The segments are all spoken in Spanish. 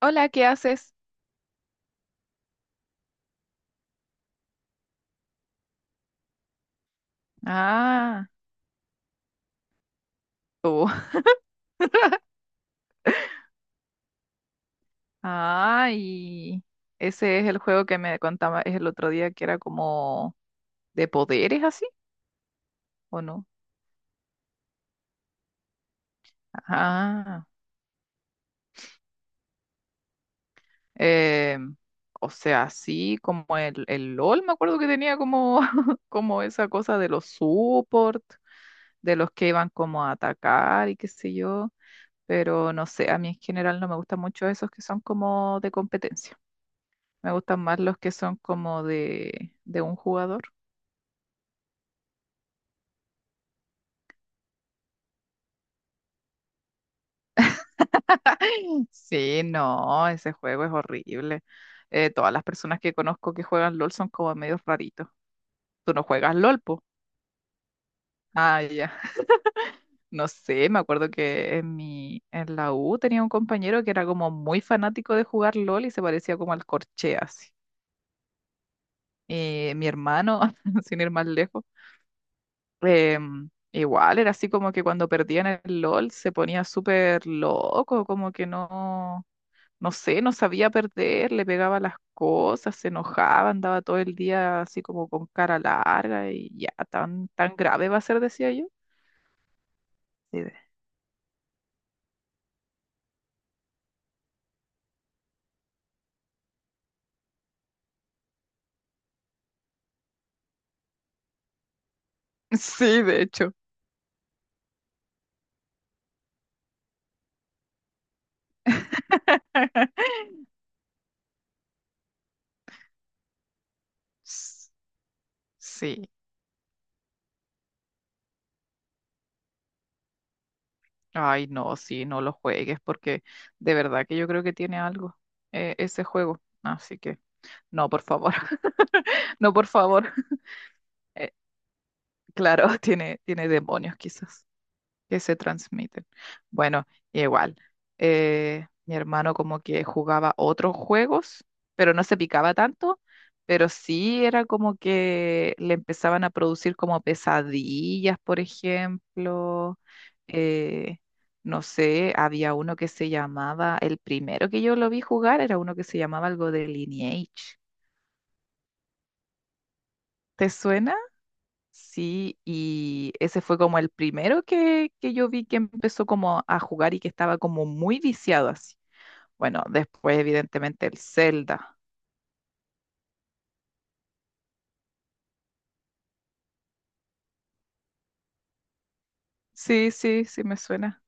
Hola, ¿qué haces? Ah, tú. Ah, y ese es el juego que me contaba el otro día que era como de poderes así, ¿o no? Ah, em, o sea, así como el LOL, me acuerdo que tenía como, como esa cosa de los support, de los que iban como a atacar y qué sé yo, pero no sé, a mí en general no me gustan mucho esos que son como de competencia. Me gustan más los que son como de un jugador. Sí, no, ese juego es horrible. Todas las personas que conozco que juegan LOL son como medios raritos. ¿Tú no juegas LOL, po? Ah, ya. No sé, me acuerdo que en en la U tenía un compañero que era como muy fanático de jugar LOL y se parecía como al Corchea, así. Y mi hermano, sin ir más lejos, igual era así como que cuando perdían el LOL se ponía súper loco, como que no. No sé, no sabía perder, le pegaba las cosas, se enojaba, andaba todo el día así como con cara larga y ya, tan, tan grave va a ser, decía yo. Sí, ve. Sí, de hecho. S- Sí, ay, no, sí, no lo juegues porque de verdad que yo creo que tiene algo ese juego. Así que, no, por favor, no, por favor. Eh, claro, tiene, tiene demonios quizás. Que se transmiten. Bueno, igual, mi hermano como que jugaba otros juegos, pero no se picaba tanto, pero sí era como que le empezaban a producir como pesadillas, por ejemplo. Eh, no sé, había uno que se llamaba, el primero que yo lo vi jugar era uno que se llamaba algo de Lineage. ¿Te suena? Sí, y ese fue como el primero que yo vi que empezó como a jugar y que estaba como muy viciado así. Bueno, después evidentemente el Zelda. Sí, sí, sí me suena.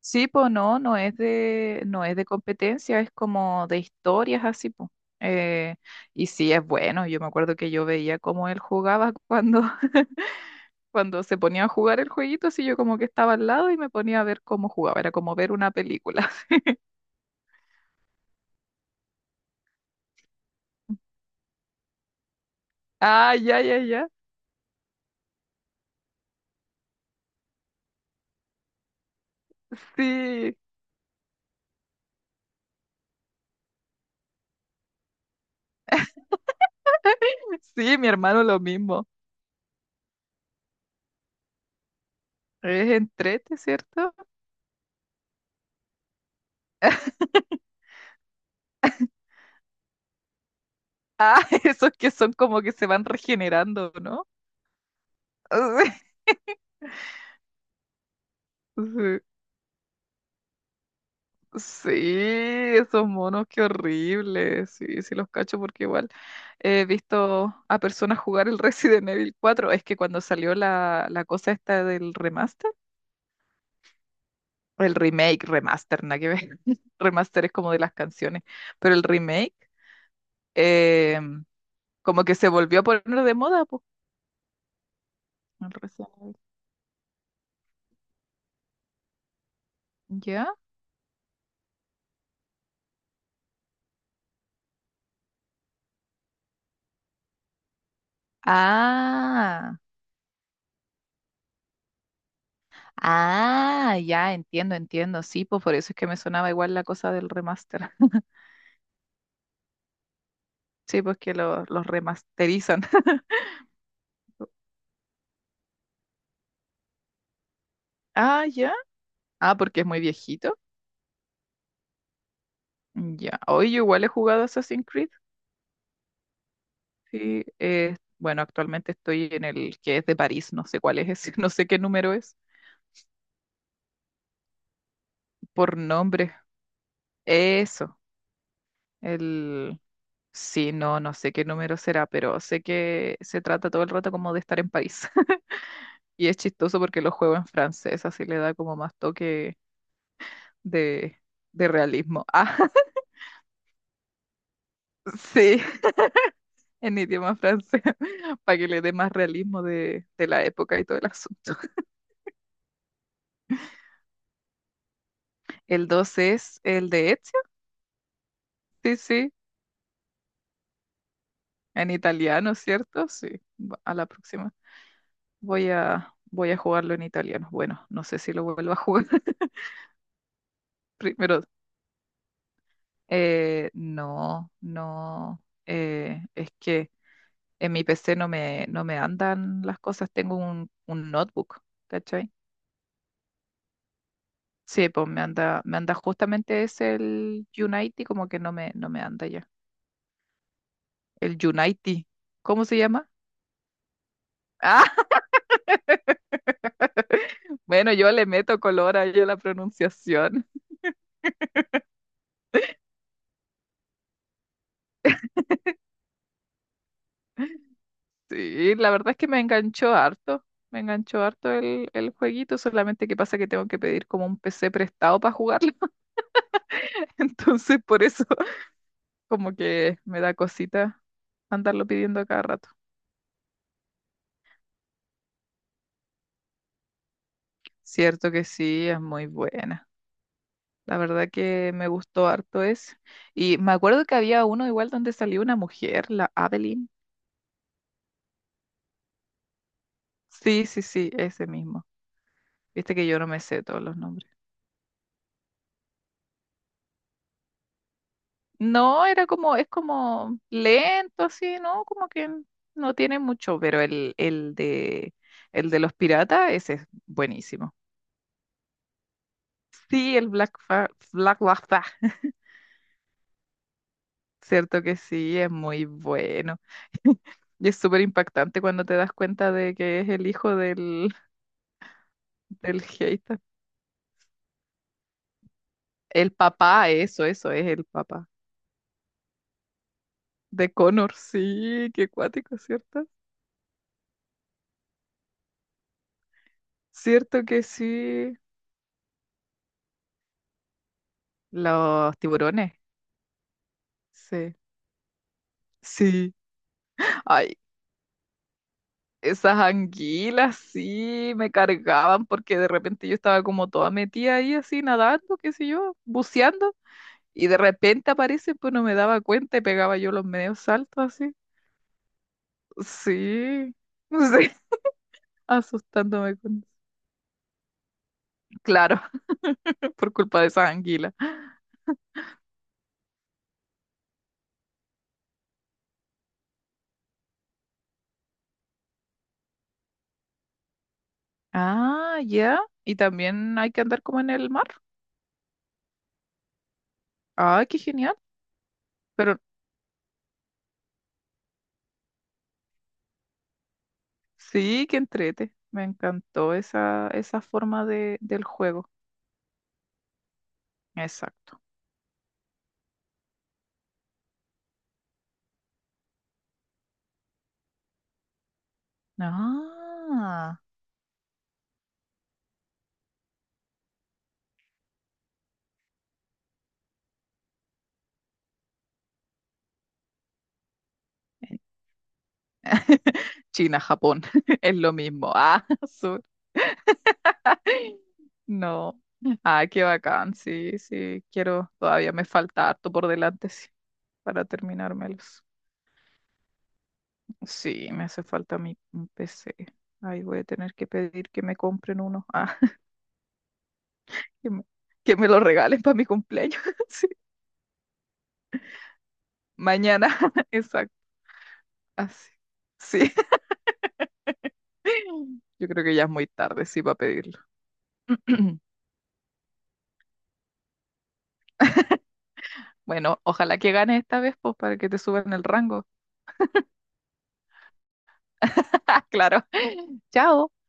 Sí, pues no, no es no es de competencia, es como de historias así, pues. Eh, y sí, es bueno. Yo me acuerdo que yo veía cómo él jugaba cuando, cuando se ponía a jugar el jueguito, así yo como que estaba al lado y me ponía a ver cómo jugaba. Era como ver una película. Ah, ya, ya, ya. Sí. Sí, mi hermano lo mismo. Es entrete, ¿cierto? Ah, esos que son como que se van regenerando, ¿no? Sí, sí, esos monos, qué horrible. Sí, sí los cacho porque igual he visto a personas jugar el Resident Evil 4. Es que cuando salió la cosa esta del remaster, el remake, remaster, nada que ver. Remaster es como de las canciones, pero el remake eh, como que se volvió a poner de moda, pues. El Resident Evil. ¿Ya? Ah, ah, ya entiendo, entiendo. Sí, pues por eso es que me sonaba igual la cosa del remaster. Sí, pues que los remasterizan. Ah, ya. Ah, porque es muy viejito. Ya. Hoy yo igual he jugado Assassin's Creed. Sí, bueno, actualmente estoy en el que es de París. No sé cuál es ese, no sé qué número es. Por nombre. Eso. El. Sí, no, no sé qué número será, pero sé que se trata todo el rato como de estar en París. Y es chistoso porque lo juego en francés, así le da como más toque de, de realismo. Ah, sí, en idioma francés, para que le dé más realismo de la época y todo el asunto. El 2 es el de Ezio, sí, sí, en italiano, ¿cierto? Sí, a la próxima. Voy a, voy a jugarlo en italiano. Bueno, no sé si lo vuelvo a jugar primero. Eh, no, no, es que... En mi PC no me, no me andan las cosas, tengo un notebook, ¿cachai? Sí, pues me anda justamente es el Unity, como que no me, no me anda ya. El Unity, ¿cómo se llama? Ah, bueno, yo le meto color a yo la pronunciación. Sí, la verdad es que me enganchó harto el jueguito, solamente que pasa que tengo que pedir como un PC prestado para jugarlo, entonces por eso como que me da cosita andarlo pidiendo a cada rato. Cierto que sí, es muy buena. La verdad que me gustó harto ese. Y me acuerdo que había uno igual donde salió una mujer, la Adeline. Sí, sí, sí, ese mismo. Viste que yo no me sé todos los nombres. No, era como, es como lento así, ¿no? Como que no tiene mucho, pero el de el de los piratas, ese es buenísimo. Sí, el Black Lapa. Cierto que sí, es muy bueno. Y es súper impactante cuando te das cuenta de que es el hijo del, del hater. El papá, eso es el papá. De Connor, sí, qué cuático, ¿cierto? Cierto que sí. Los tiburones, sí. Sí. Ay, esas anguilas, sí, me cargaban porque de repente yo estaba como toda metida ahí así, nadando, qué sé yo, buceando, y de repente aparecen, pues no me daba cuenta y pegaba yo los medios saltos así. Sí, sí, asustándome con... Claro, por culpa de esas anguilas. Ah, ya. Y también hay que andar como en el mar. Ah, qué genial. Pero sí, que entrete. Me encantó esa forma de, del juego. Exacto. Ah, China, Japón, es lo mismo. Ah, sur. No. Ah, qué bacán. Sí, sí, quiero. Todavía me falta harto por delante, sí, para terminármelos. Sí, me hace falta mi PC. Ahí voy a tener que pedir que me compren uno. Ah, que me, que me lo regalen para mi cumpleaños. Sí. Mañana, exacto. Así. Sí. Yo creo que ya es muy tarde, sí, para pedirlo. Bueno, ojalá que ganes esta vez, pues, para que te suban el rango. Claro. Chao.